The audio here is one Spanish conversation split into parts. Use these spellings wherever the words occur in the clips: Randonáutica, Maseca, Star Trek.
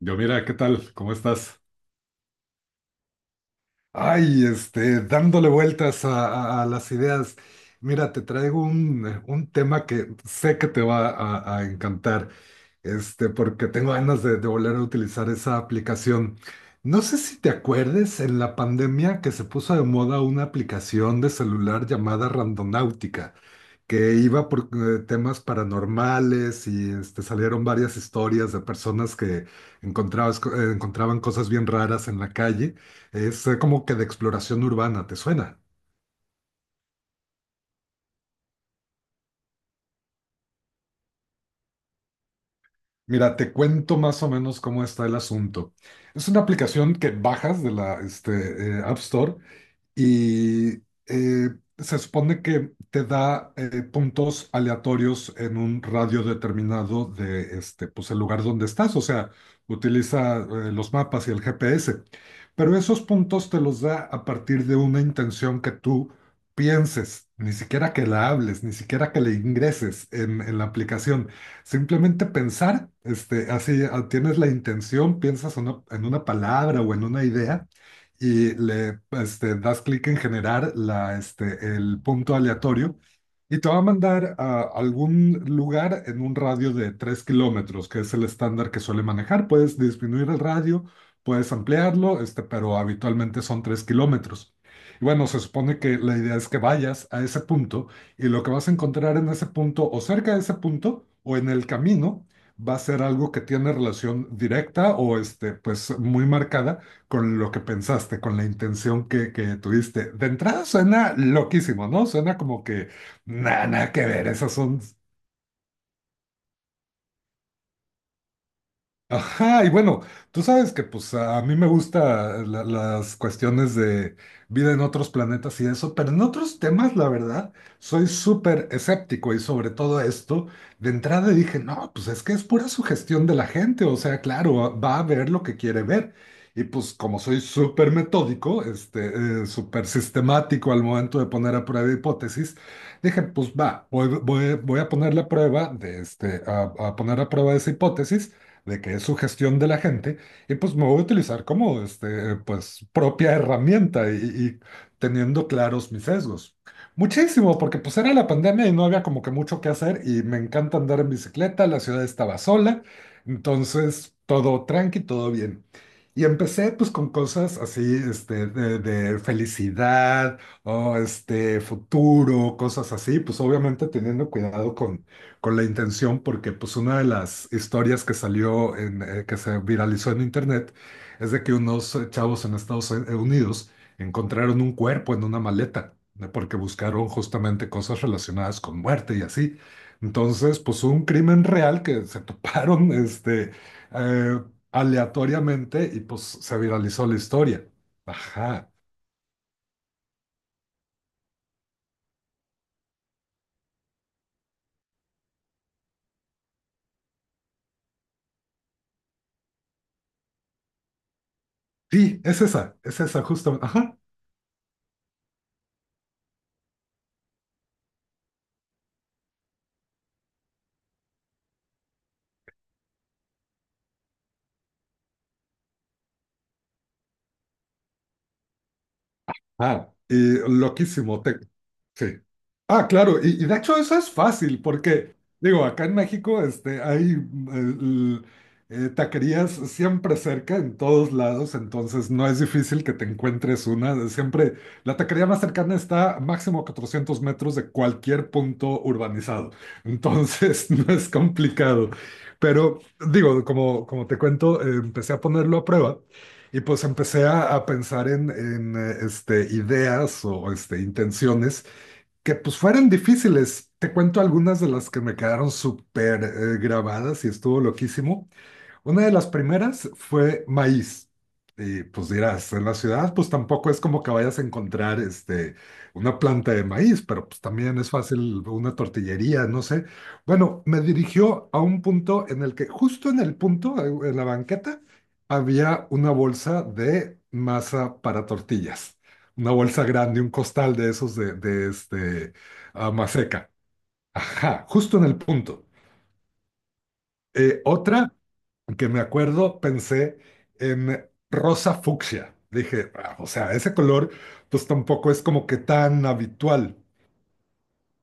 Yo, mira, ¿qué tal? ¿Cómo estás? Ay, dándole vueltas a, a las ideas. Mira, te traigo un tema que sé que te va a encantar, porque tengo ganas de volver a utilizar esa aplicación. No sé si te acuerdes en la pandemia que se puso de moda una aplicación de celular llamada Randonáutica que iba por temas paranormales y salieron varias historias de personas que encontraban cosas bien raras en la calle. Es como que de exploración urbana, ¿te suena? Mira, te cuento más o menos cómo está el asunto. Es una aplicación que bajas de App Store y eh, se supone que te da puntos aleatorios en un radio determinado de pues el lugar donde estás, o sea, utiliza los mapas y el GPS, pero esos puntos te los da a partir de una intención que tú pienses, ni siquiera que la hables, ni siquiera que le ingreses en la aplicación, simplemente pensar, así ah, tienes la intención, piensas en una palabra o en una idea y das clic en generar el punto aleatorio y te va a mandar a algún lugar en un radio de 3 kilómetros, que es el estándar que suele manejar. Puedes disminuir el radio, puedes ampliarlo, pero habitualmente son 3 kilómetros. Y bueno, se supone que la idea es que vayas a ese punto y lo que vas a encontrar en ese punto o cerca de ese punto o en el camino va a ser algo que tiene relación directa o pues muy marcada con lo que pensaste, con la intención que tuviste. De entrada suena loquísimo, ¿no? Suena como que nada, nada que ver, esas son. Ajá, y bueno, tú sabes que pues a mí me gustan las cuestiones de vida en otros planetas y eso, pero en otros temas, la verdad, soy súper escéptico y sobre todo esto, de entrada dije, no, pues es que es pura sugestión de la gente, o sea, claro, va a ver lo que quiere ver. Y pues como soy súper metódico, súper sistemático al momento de poner a prueba hipótesis, dije, pues va, voy a poner la prueba de a poner a prueba esa hipótesis de que es su gestión de la gente, y pues me voy a utilizar como pues, propia herramienta y teniendo claros mis sesgos. Muchísimo, porque pues era la pandemia y no había como que mucho que hacer y me encanta andar en bicicleta, la ciudad estaba sola, entonces todo tranqui, todo bien. Y empecé pues con cosas así, de felicidad o este futuro, cosas así, pues obviamente teniendo cuidado con la intención porque pues una de las historias que salió que se viralizó en internet es de que unos chavos en Estados Unidos encontraron un cuerpo en una maleta, ¿no? Porque buscaron justamente cosas relacionadas con muerte y así. Entonces, pues un crimen real que se toparon eh, aleatoriamente y pues se viralizó la historia. Ajá. Sí, es esa justamente. Ajá. Ah, y loquísimo. Sí. Ah, claro, y de hecho eso es fácil, porque digo, acá en México hay l- taquerías siempre cerca, en todos lados, entonces no es difícil que te encuentres una. Siempre la taquería más cercana está a máximo 400 metros de cualquier punto urbanizado, entonces no es complicado. Pero digo, como, como te cuento, empecé a ponerlo a prueba. Y pues empecé a pensar en ideas o intenciones que pues fueran difíciles. Te cuento algunas de las que me quedaron súper grabadas y estuvo loquísimo. Una de las primeras fue maíz. Y pues dirás, en la ciudad pues tampoco es como que vayas a encontrar una planta de maíz, pero pues también es fácil una tortillería, no sé. Bueno, me dirigió a un punto en el que, justo en el punto, en la banqueta, había una bolsa de masa para tortillas. Una bolsa grande, un costal de esos de, de maseca. Ajá, justo en el punto. Otra que me acuerdo, pensé en rosa fucsia. Dije, "Ah, o sea, ese color pues tampoco es como que tan habitual".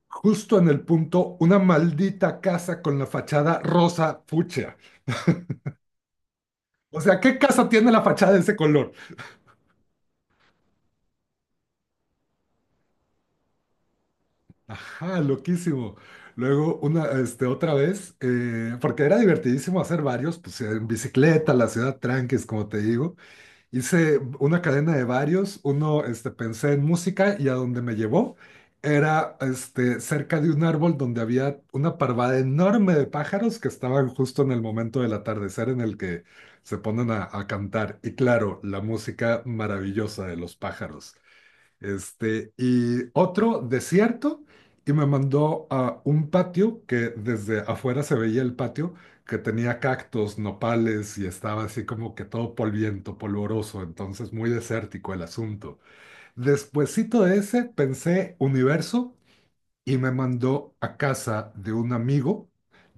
Justo en el punto, una maldita casa con la fachada rosa fucsia. O sea, ¿qué casa tiene la fachada de ese color? Ajá, loquísimo. Luego, otra vez, porque era divertidísimo hacer varios, pues en bicicleta, la ciudad tranquis, como te digo. Hice una cadena de varios, pensé en música y a donde me llevó era cerca de un árbol donde había una parvada enorme de pájaros que estaban justo en el momento del atardecer en el que se ponen a cantar. Y claro, la música maravillosa de los pájaros. Y otro desierto, y me mandó a un patio que desde afuera se veía el patio, que tenía cactus, nopales y estaba así como que todo polviento, polvoroso, entonces muy desértico el asunto. Despuésito de ese pensé universo y me mandó a casa de un amigo.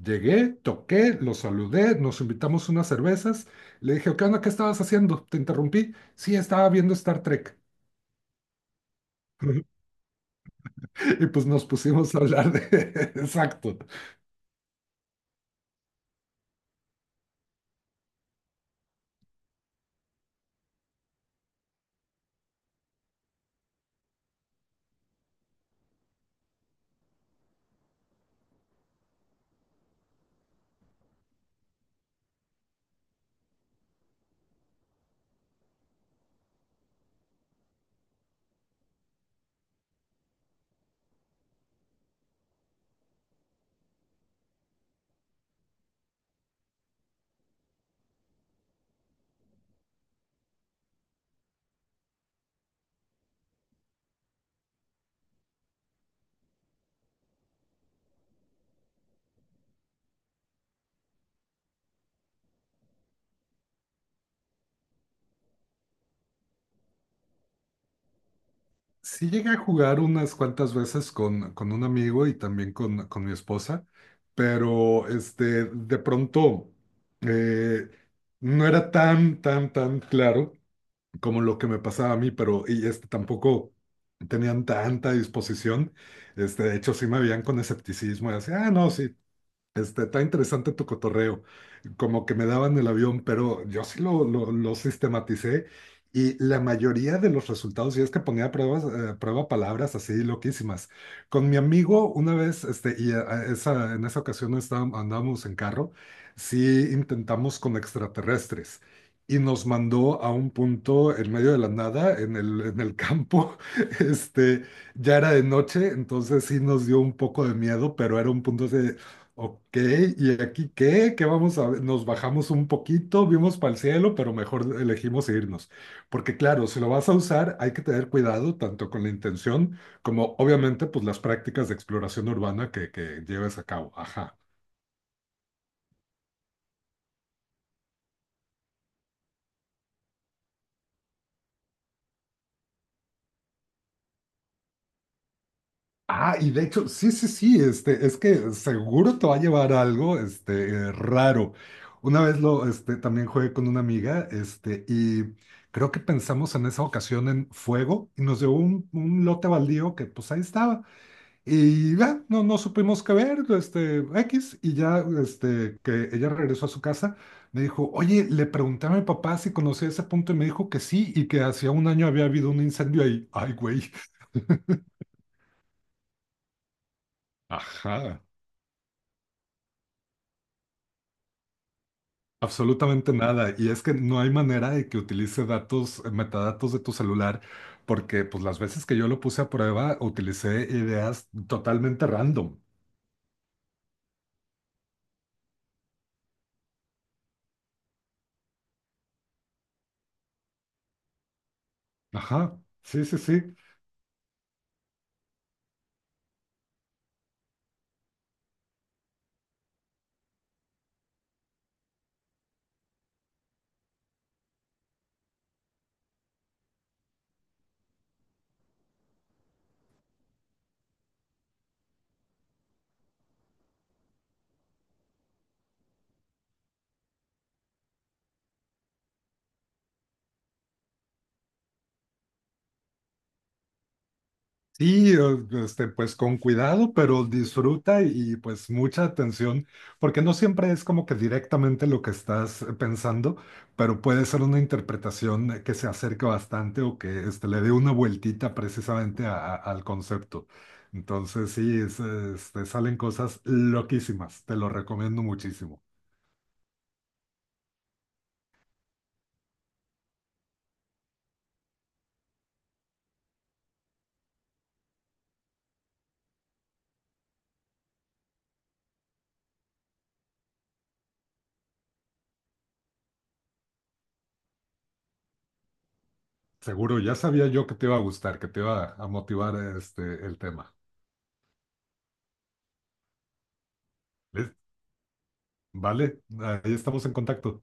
Llegué, toqué, lo saludé, nos invitamos unas cervezas. Le dije, ¿qué onda? ¿Qué estabas haciendo? Te interrumpí. Sí, estaba viendo Star Trek. Y pues nos pusimos a hablar de... Exacto. Sí llegué a jugar unas cuantas veces con un amigo y también con mi esposa, pero de pronto eh, no era tan, tan claro como lo que me pasaba a mí, pero y tampoco tenían tanta disposición. De hecho, sí me veían con escepticismo y así, ah, no, sí, está interesante tu cotorreo, como que me daban el avión, pero yo sí lo sistematicé y la mayoría de los resultados, y es que ponía pruebas, prueba palabras así loquísimas. Con mi amigo una vez, a esa, en esa ocasión estábamos, andábamos en carro, sí intentamos con extraterrestres. Y nos mandó a un punto en medio de la nada, en el campo. Este, ya era de noche, entonces sí nos dio un poco de miedo, pero era un punto de, Ok, ¿y aquí qué? ¿Qué vamos a ver? Nos bajamos un poquito, vimos para el cielo, pero mejor elegimos irnos. Porque claro, si lo vas a usar, hay que tener cuidado tanto con la intención como obviamente pues las prácticas de exploración urbana que lleves a cabo. Ajá. Ah, y de hecho, sí, sí, sí, es que seguro te va a llevar algo, raro. Una vez también jugué con una amiga, y creo que pensamos en esa ocasión en fuego y nos dio un lote baldío que pues ahí estaba. Y ya, no, no supimos qué ver, X, y ya, que ella regresó a su casa, me dijo, oye, le pregunté a mi papá si conocía ese punto y me dijo que sí y que hacía un año había habido un incendio ahí. Ay, güey. Ajá. Absolutamente nada. Y es que no hay manera de que utilice datos, metadatos de tu celular, porque pues las veces que yo lo puse a prueba, utilicé ideas totalmente random. Ajá. Sí, sí, sí. Sí, pues con cuidado, pero disfruta y, pues mucha atención, porque no siempre es como que directamente lo que estás pensando, pero puede ser una interpretación que se acerque bastante o que le dé una vueltita precisamente al concepto. Entonces sí, es, salen cosas loquísimas, te lo recomiendo muchísimo. Seguro, ya sabía yo que te iba a gustar, que te iba a motivar el tema. ¿Ves? Vale, ahí estamos en contacto.